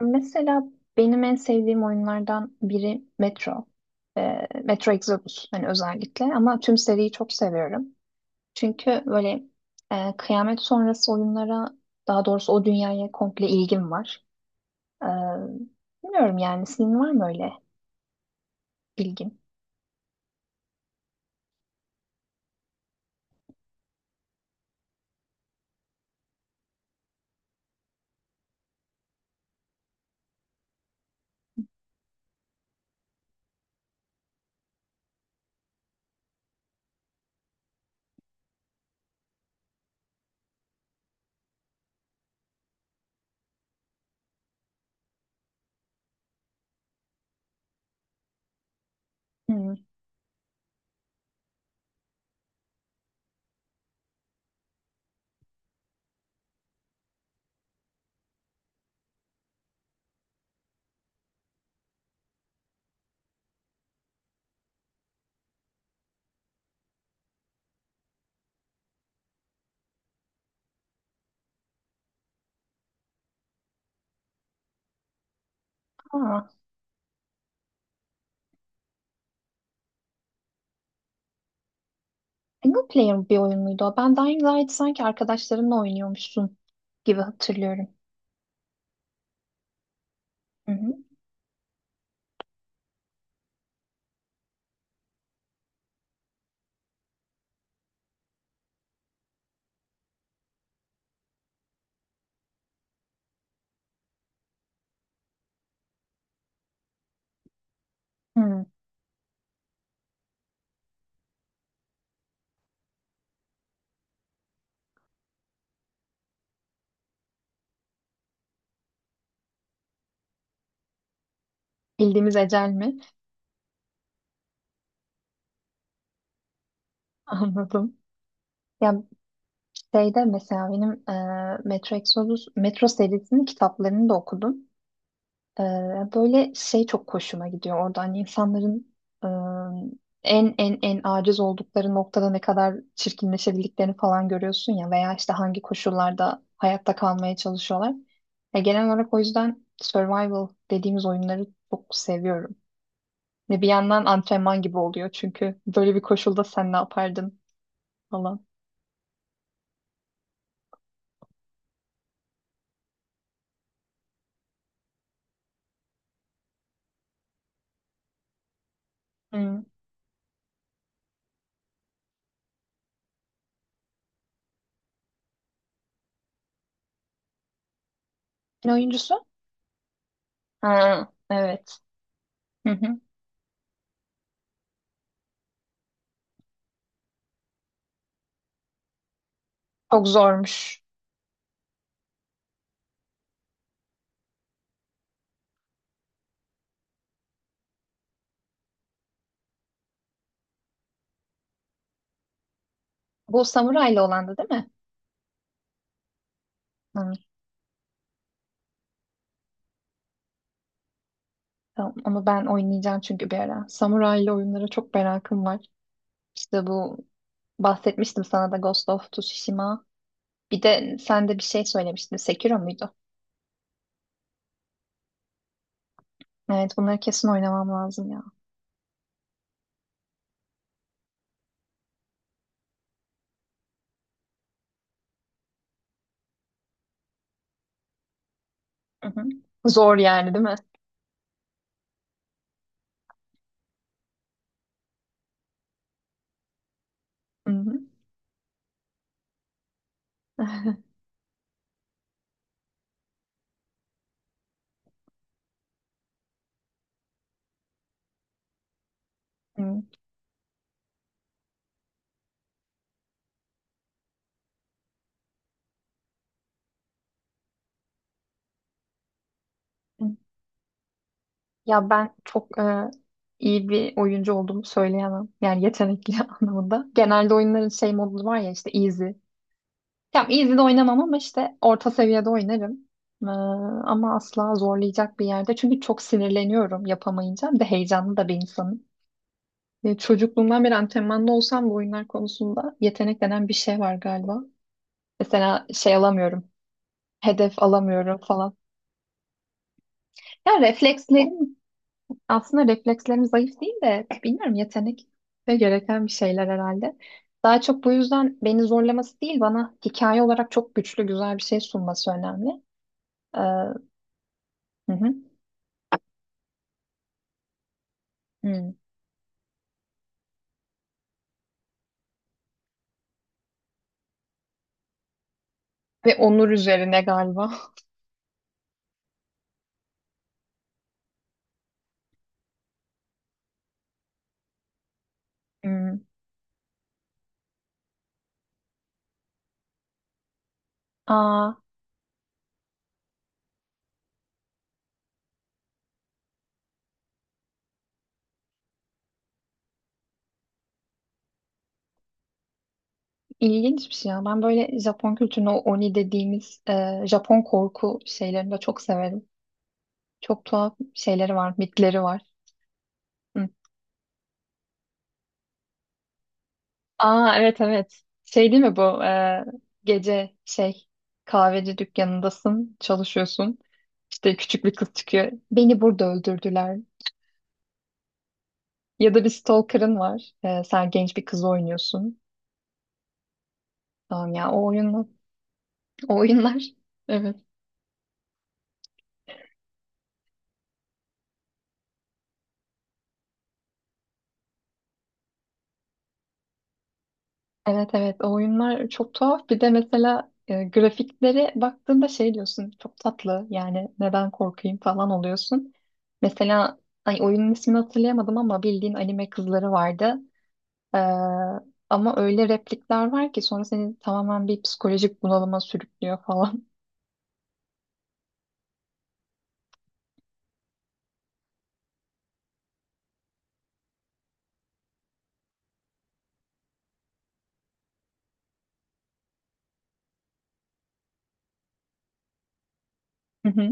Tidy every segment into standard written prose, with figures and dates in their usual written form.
Mesela benim en sevdiğim oyunlardan biri Metro. Metro Exodus hani özellikle ama tüm seriyi çok seviyorum. Çünkü böyle kıyamet sonrası oyunlara daha doğrusu o dünyaya komple ilgim var. Ee, bilmiyorum yani senin var mı öyle ilgin? Hmm. Aa, single player bir oyun muydu o? Ben Dying Light sanki arkadaşlarınla oynuyormuşsun gibi hatırlıyorum. Hı hı. Hmm. Bildiğimiz ecel mi? Anladım. Ya şeyde mesela benim Metro Exodus, Metro serisinin kitaplarını da okudum. E, böyle şey çok hoşuma gidiyor orada. Hani insanların e, en aciz oldukları noktada ne kadar çirkinleşebildiklerini falan görüyorsun ya veya işte hangi koşullarda hayatta kalmaya çalışıyorlar. Genel olarak o yüzden survival dediğimiz oyunları çok seviyorum. Ve bir yandan antrenman gibi oluyor çünkü böyle bir koşulda sen ne yapardın falan. Hmm. Ne oyuncusu? Ha, evet. Çok zormuş. Bu samurayla olandı değil mi? Hı, tamam. Onu ben oynayacağım çünkü bir ara. Samuraylı oyunlara çok merakım var. İşte bu bahsetmiştim sana da Ghost of Tsushima. Bir de sen de bir şey söylemiştin. Sekiro muydu? Evet bunları kesin oynamam lazım ya. Hı hı. Zor yani değil mi? Hı hı. Hı. Ya ben çok iyi bir oyuncu olduğumu söyleyemem. Yani yetenekli anlamında. Genelde oyunların şey modu var ya işte easy. Ya easy'de oynamam ama işte orta seviyede oynarım. Ee, ama asla zorlayacak bir yerde. Çünkü çok sinirleniyorum yapamayınca. Bir de heyecanlı da bir insanım. Çocukluğumdan beri antrenmanda olsam bu oyunlar konusunda yetenek denen bir şey var galiba. Mesela şey alamıyorum. Hedef alamıyorum falan. Ya reflekslerim zayıf değil de bilmiyorum yetenek ve gereken bir şeyler herhalde. Daha çok bu yüzden beni zorlaması değil bana hikaye olarak çok güçlü güzel bir şey sunması önemli. Ee, Hı hı. Hmm. Ve onur üzerine galiba. Hmm. Aa, ilginç bir şey ya. Ben böyle Japon kültürünü o Oni dediğimiz Japon korku şeylerini de çok severim. Çok tuhaf şeyleri var, mitleri var. Hı. Aa evet evet. Şey değil mi bu? Gece şey kahveci dükkanındasın, çalışıyorsun. İşte küçük bir kız çıkıyor. Beni burada öldürdüler. Ya da bir stalker'ın var. E, sen genç bir kız oynuyorsun. Tamam ya o oyunlar. O oyunlar. Evet. Evet evet o oyunlar çok tuhaf. Bir de mesela grafiklere baktığında şey diyorsun çok tatlı yani neden korkayım falan oluyorsun. Mesela ay, oyunun ismini hatırlayamadım ama bildiğin anime kızları vardı. Ee, ama öyle replikler var ki sonra seni tamamen bir psikolojik bunalıma sürüklüyor falan. Hı hı.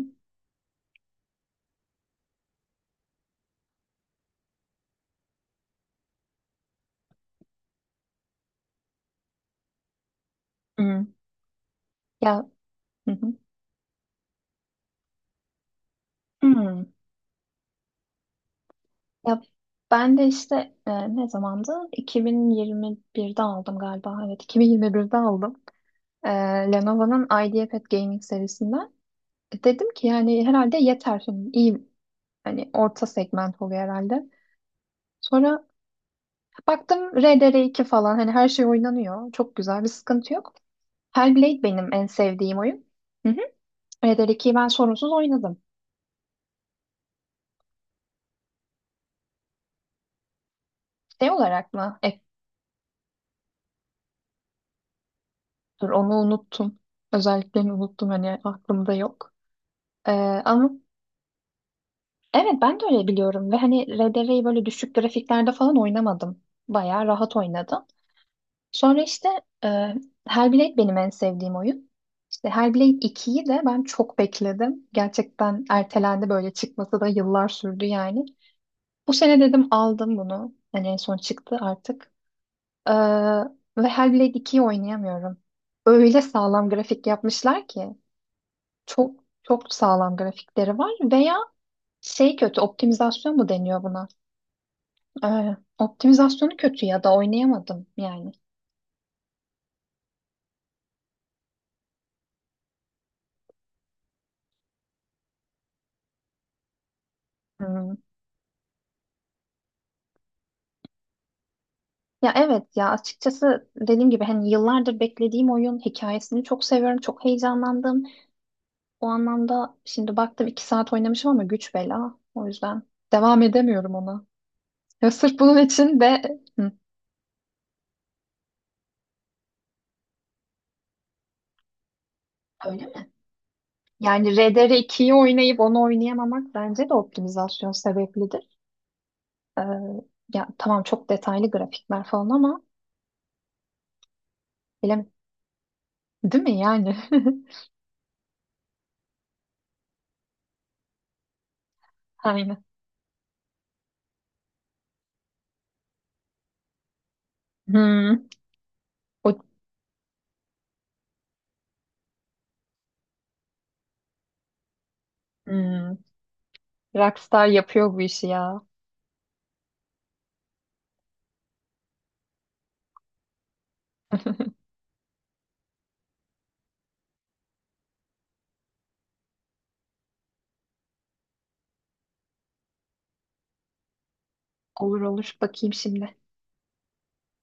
Hı. Ya hı hı. Hı. Ya ben de işte ne zamandı? 2021'de aldım galiba. Evet, 2021'de aldım. E, Lenovo'nun IdeaPad Gaming serisinden. E, dedim ki yani herhalde yeter şimdi. İyi hani orta segment oluyor herhalde. Sonra baktım rdr iki falan hani her şey oynanıyor. Çok güzel bir sıkıntı yok. Hellblade benim en sevdiğim oyun. Hı hı. RDR2'yi ben sorunsuz oynadım. Şey olarak mı? Dur onu unuttum. Özelliklerini unuttum hani aklımda yok. Ee, ama evet ben de öyle biliyorum ve hani RDR'yi böyle düşük grafiklerde falan oynamadım. Bayağı rahat oynadım. Sonra işte e, Hellblade benim en sevdiğim oyun. İşte Hellblade 2'yi de ben çok bekledim. Gerçekten ertelendi böyle çıkması da yıllar sürdü yani. Bu sene dedim aldım bunu. Hani en son çıktı artık. Ee, ve Hellblade 2'yi oynayamıyorum. Öyle sağlam grafik yapmışlar ki. Çok çok sağlam grafikleri var veya şey kötü optimizasyon mu deniyor buna? Optimizasyonu kötü ya da oynayamadım yani. Hmm. Ya evet ya açıkçası dediğim gibi hani yıllardır beklediğim oyun hikayesini çok seviyorum çok heyecanlandım. O anlamda şimdi baktım 2 saat oynamışım ama güç bela o yüzden devam edemiyorum ona. Ya sırf bunun için de Hı. Öyle mi? Yani RDR2'yi oynayıp onu oynayamamak bence de optimizasyon sebepli. Ee, ya tamam çok detaylı grafikler falan ama bilemedim. Değil mi yani? Aynen. Hmm. O, hmm. Rockstar yapıyor bu işi ya. Olur olur bakayım şimdi.